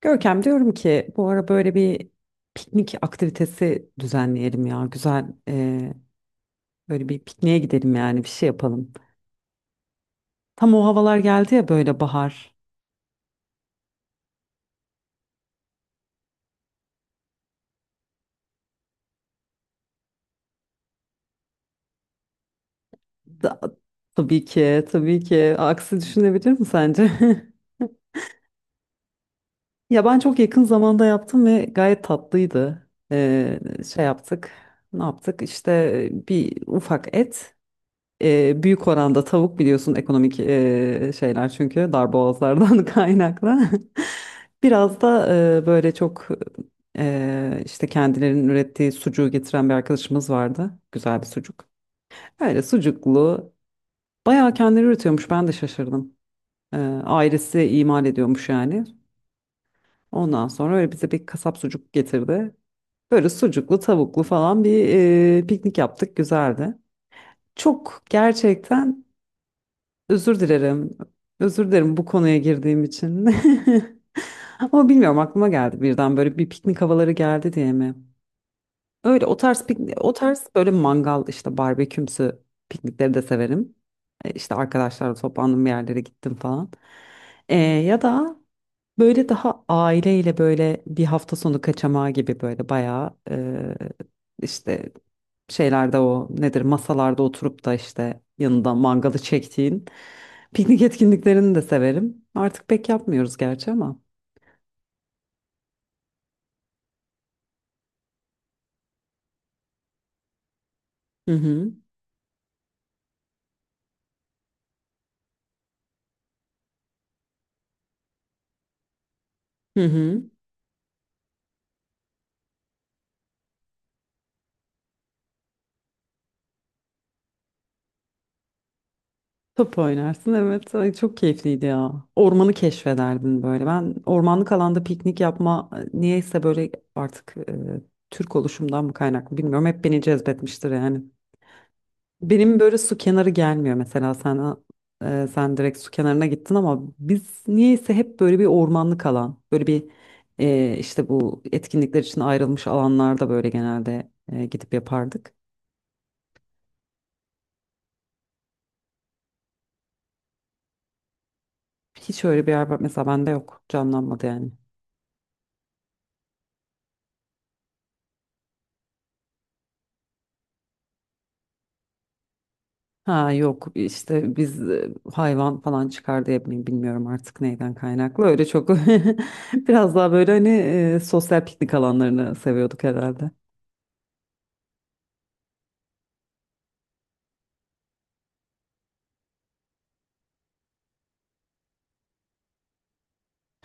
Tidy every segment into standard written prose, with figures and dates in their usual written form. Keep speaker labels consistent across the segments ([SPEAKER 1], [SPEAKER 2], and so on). [SPEAKER 1] Görkem, diyorum ki bu ara böyle bir piknik aktivitesi düzenleyelim ya. Güzel, böyle bir pikniğe gidelim, yani bir şey yapalım. Tam o havalar geldi ya, böyle bahar. Da, tabii ki tabii ki, aksi düşünebilir mi sence? Ya ben çok yakın zamanda yaptım ve gayet tatlıydı. Şey yaptık, ne yaptık işte, bir ufak et. Büyük oranda tavuk, biliyorsun, ekonomik şeyler çünkü darboğazlardan kaynaklı. Biraz da böyle çok işte kendilerinin ürettiği sucuğu getiren bir arkadaşımız vardı. Güzel bir sucuk. Öyle sucuklu. Bayağı kendileri üretiyormuş, ben de şaşırdım. E, Ailesi imal ediyormuş yani. Ondan sonra öyle bize bir kasap sucuk getirdi. Böyle sucuklu tavuklu falan bir piknik yaptık, güzeldi. Çok gerçekten özür dilerim. Özür dilerim bu konuya girdiğim için. Ama bilmiyorum, aklıma geldi birden, böyle bir piknik havaları geldi diye mi? Öyle o tarz piknik, o tarz böyle mangal işte barbekümsü piknikleri de severim. İşte arkadaşlarla toplandım, bir yerlere gittim falan. Ya da böyle daha aileyle böyle bir hafta sonu kaçamağı gibi, böyle bayağı işte şeylerde, o nedir, masalarda oturup da işte yanında mangalı çektiğin piknik etkinliklerini de severim. Artık pek yapmıyoruz gerçi ama. Hı hı. Hı hı. Top oynarsın, evet. Ay, çok keyifliydi ya. Ormanı keşfederdin böyle. Ben ormanlık alanda piknik yapma, niyeyse böyle, artık Türk oluşumdan mı kaynaklı bilmiyorum. Hep beni cezbetmiştir yani. Benim böyle su kenarı gelmiyor mesela, sen sen direkt su kenarına gittin ama biz niyeyse hep böyle bir ormanlık alan, böyle bir işte bu etkinlikler için ayrılmış alanlarda böyle genelde gidip yapardık. Hiç öyle bir yer var mesela, bende yok, canlanmadı yani. Ha yok, işte biz hayvan falan çıkar diye mi bilmiyorum, artık neyden kaynaklı öyle çok, biraz daha böyle hani sosyal piknik alanlarını seviyorduk herhalde.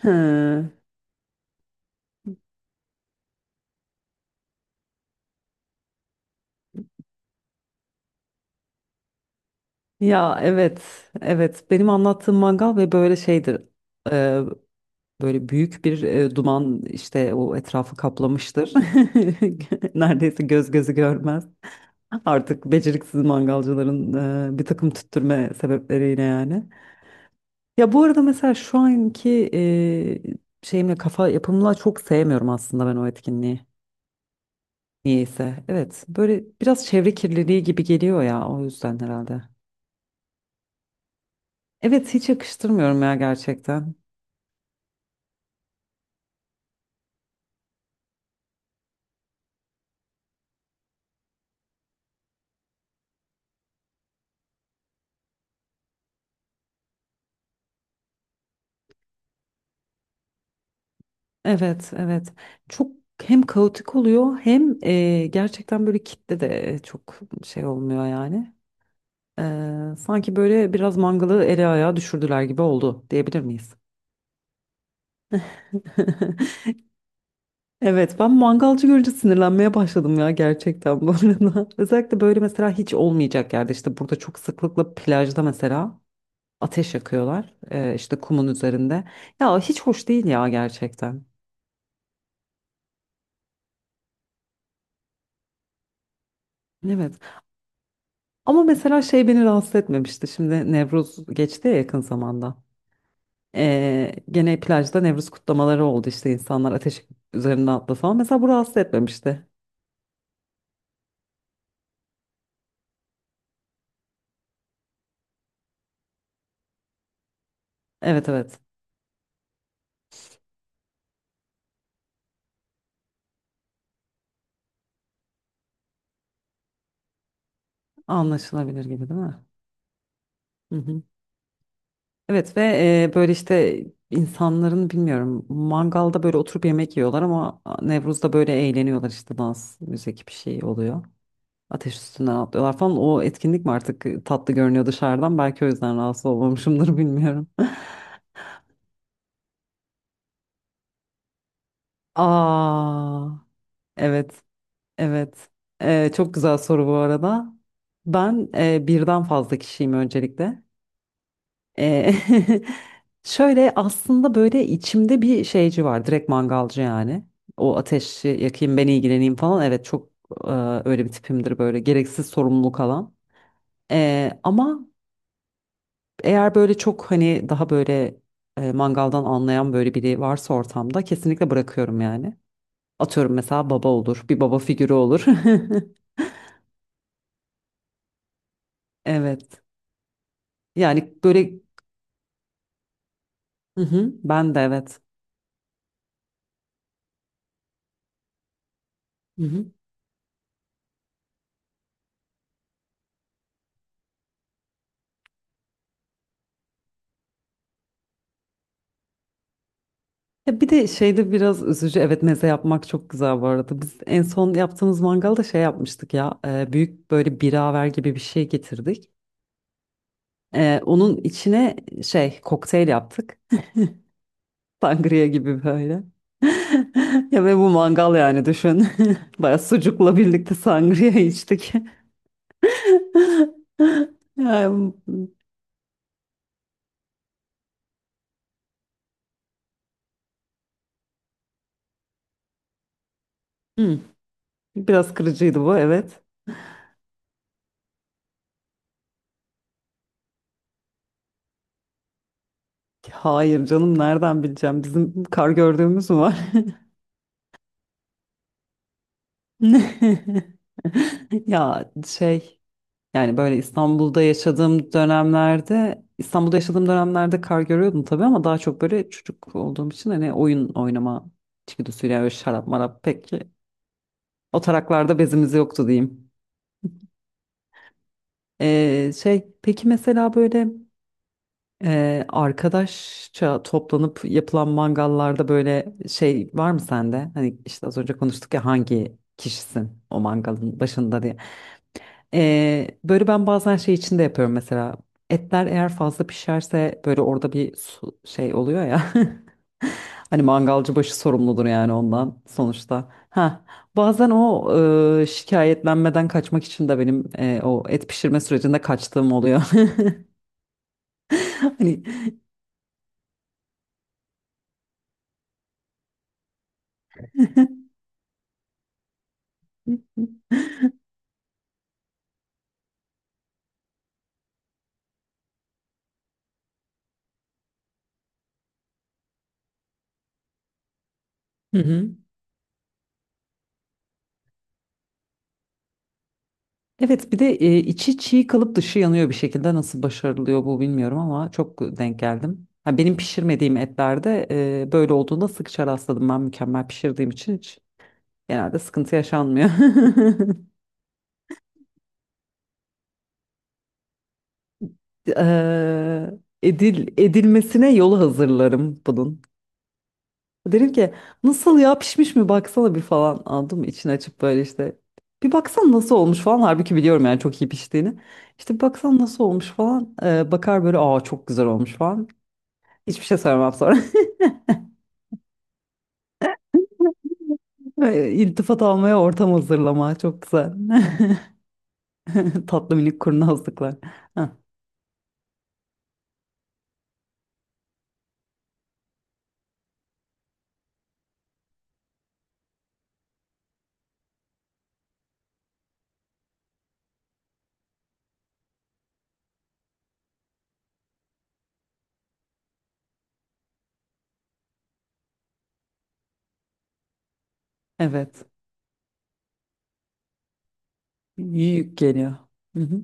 [SPEAKER 1] Hı. Ya evet, evet. Benim anlattığım mangal ve böyle şeydir. e, Böyle büyük bir duman işte o etrafı kaplamıştır. Neredeyse göz gözü görmez. Artık beceriksiz mangalcıların bir takım tüttürme sebepleriyle yani. Ya bu arada mesela şu anki şeyimle, kafa yapımla çok sevmiyorum aslında ben o etkinliği. Niyeyse. Evet, böyle biraz çevre kirliliği gibi geliyor ya, o yüzden herhalde. Evet, hiç yakıştırmıyorum ya gerçekten. Evet, evet. Çok hem kaotik oluyor hem gerçekten böyle kitle de çok şey olmuyor yani. Sanki böyle biraz mangalı ele ayağa düşürdüler gibi oldu, diyebilir miyiz? Evet, ben mangalcı görünce sinirlenmeye başladım ya gerçekten bu arada. Özellikle böyle mesela hiç olmayacak yerde, işte burada çok sıklıkla plajda mesela ateş yakıyorlar. İşte kumun üzerinde. Ya hiç hoş değil ya gerçekten. Evet, ama mesela şey beni rahatsız etmemişti, şimdi Nevruz geçti ya yakın zamanda. Gene plajda Nevruz kutlamaları oldu, işte insanlar ateş üzerine atla falan, mesela bu rahatsız etmemişti. Evet, evet, anlaşılabilir gibi değil mi? Hı hı. Evet ve böyle işte insanların, bilmiyorum, mangalda böyle oturup yemek yiyorlar ama Nevruz'da böyle eğleniyorlar, işte dans, müzik, bir şey oluyor. Ateş üstünden atlıyorlar falan. O etkinlik mi artık tatlı görünüyor dışarıdan? Belki o yüzden rahatsız olmamışımdır bilmiyorum. Aa, evet, evet. Çok güzel soru bu arada. Ben birden fazla kişiyim öncelikle. Ee, Şöyle aslında, böyle içimde bir şeyci var. Direkt mangalcı yani. O ateşi yakayım, ben ilgileneyim falan. Evet, çok e, öyle bir tipimdir, böyle gereksiz sorumluluk alan. Ama eğer böyle çok hani daha böyle mangaldan anlayan böyle biri varsa ortamda, kesinlikle bırakıyorum yani. Atıyorum, mesela baba olur. Bir baba figürü olur. Evet. Yani böyle, hı hı, ben de evet. Hı hı. Ya bir de şeyde biraz üzücü. Evet, meze yapmak çok güzel bu arada. Biz en son yaptığımız mangalda şey yapmıştık ya. Büyük böyle biraver gibi bir şey getirdik. Onun içine şey, kokteyl yaptık. Sangria gibi böyle. Ya ve bu mangal, yani düşün. Baya sucukla birlikte sangria içtik. Yani, hmm, biraz kırıcıydı bu, evet. Hayır canım, nereden bileceğim, bizim kar gördüğümüz mü var? Ya şey, yani böyle İstanbul'da yaşadığım dönemlerde kar görüyordum tabii, ama daha çok böyle çocuk olduğum için, hani oyun oynama içgüdüsüyle, öyle şarap marap pek o taraklarda bezimiz yoktu diyeyim. Şey, peki mesela böyle arkadaşça toplanıp yapılan mangallarda böyle şey var mı sende? Hani işte az önce konuştuk ya, hangi kişisin o mangalın başında diye. Böyle ben bazen şey içinde yapıyorum mesela. Etler eğer fazla pişerse böyle orada bir su- şey oluyor ya. Hani mangalcı başı sorumludur yani ondan sonuçta. Ha, bazen o şikayetlenmeden kaçmak için de benim, o et pişirme sürecinde kaçtığım oluyor. Hani, hı hı. Evet bir de içi çiğ kalıp dışı yanıyor bir şekilde, nasıl başarılıyor bu bilmiyorum ama çok denk geldim. Ha, benim pişirmediğim etlerde böyle olduğunda sıkça rastladım, ben mükemmel pişirdiğim için hiç, genelde sıkıntı yaşanmıyor. Eee, edilmesine yolu hazırlarım bunun. Derim ki, nasıl ya, pişmiş mi, baksana bir, falan aldım içini açıp böyle işte bir baksana nasıl olmuş falan, halbuki biliyorum yani çok iyi piştiğini. İşte bir baksana nasıl olmuş falan. Bakar böyle, aa çok güzel olmuş falan. Hiçbir şey sormam sonra. Böyle İltifat almaya ortam hazırlama. Çok güzel. Tatlı minik kurnazlıklar. Heh, evet. Yük geliyor. Hı hı.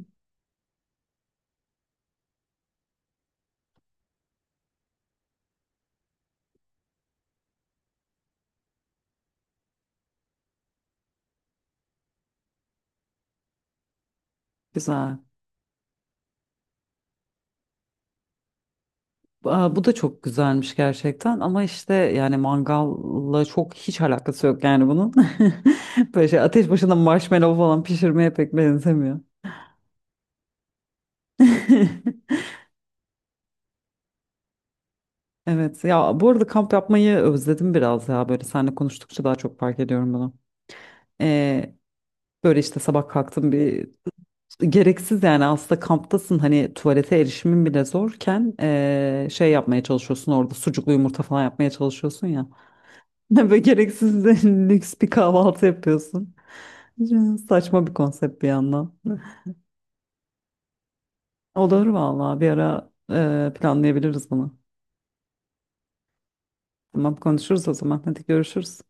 [SPEAKER 1] Güzel. Aa, bu da çok güzelmiş gerçekten, ama işte yani mangalla çok hiç alakası yok yani bunun. Böyle şey ateş başında marshmallow falan pişirmeye pek benzemiyor. Evet ya, bu arada kamp yapmayı özledim biraz ya, böyle seninle konuştukça daha çok fark ediyorum bunu. Ee, Böyle işte sabah kalktım bir, gereksiz yani aslında, kamptasın hani, tuvalete erişimin bile zorken şey yapmaya çalışıyorsun, orada sucuklu yumurta falan yapmaya çalışıyorsun ya. Böyle gereksiz de lüks bir kahvaltı yapıyorsun. Saçma bir konsept bir yandan. Olur vallahi, bir ara planlayabiliriz bunu. Tamam, konuşuruz o zaman, hadi görüşürüz.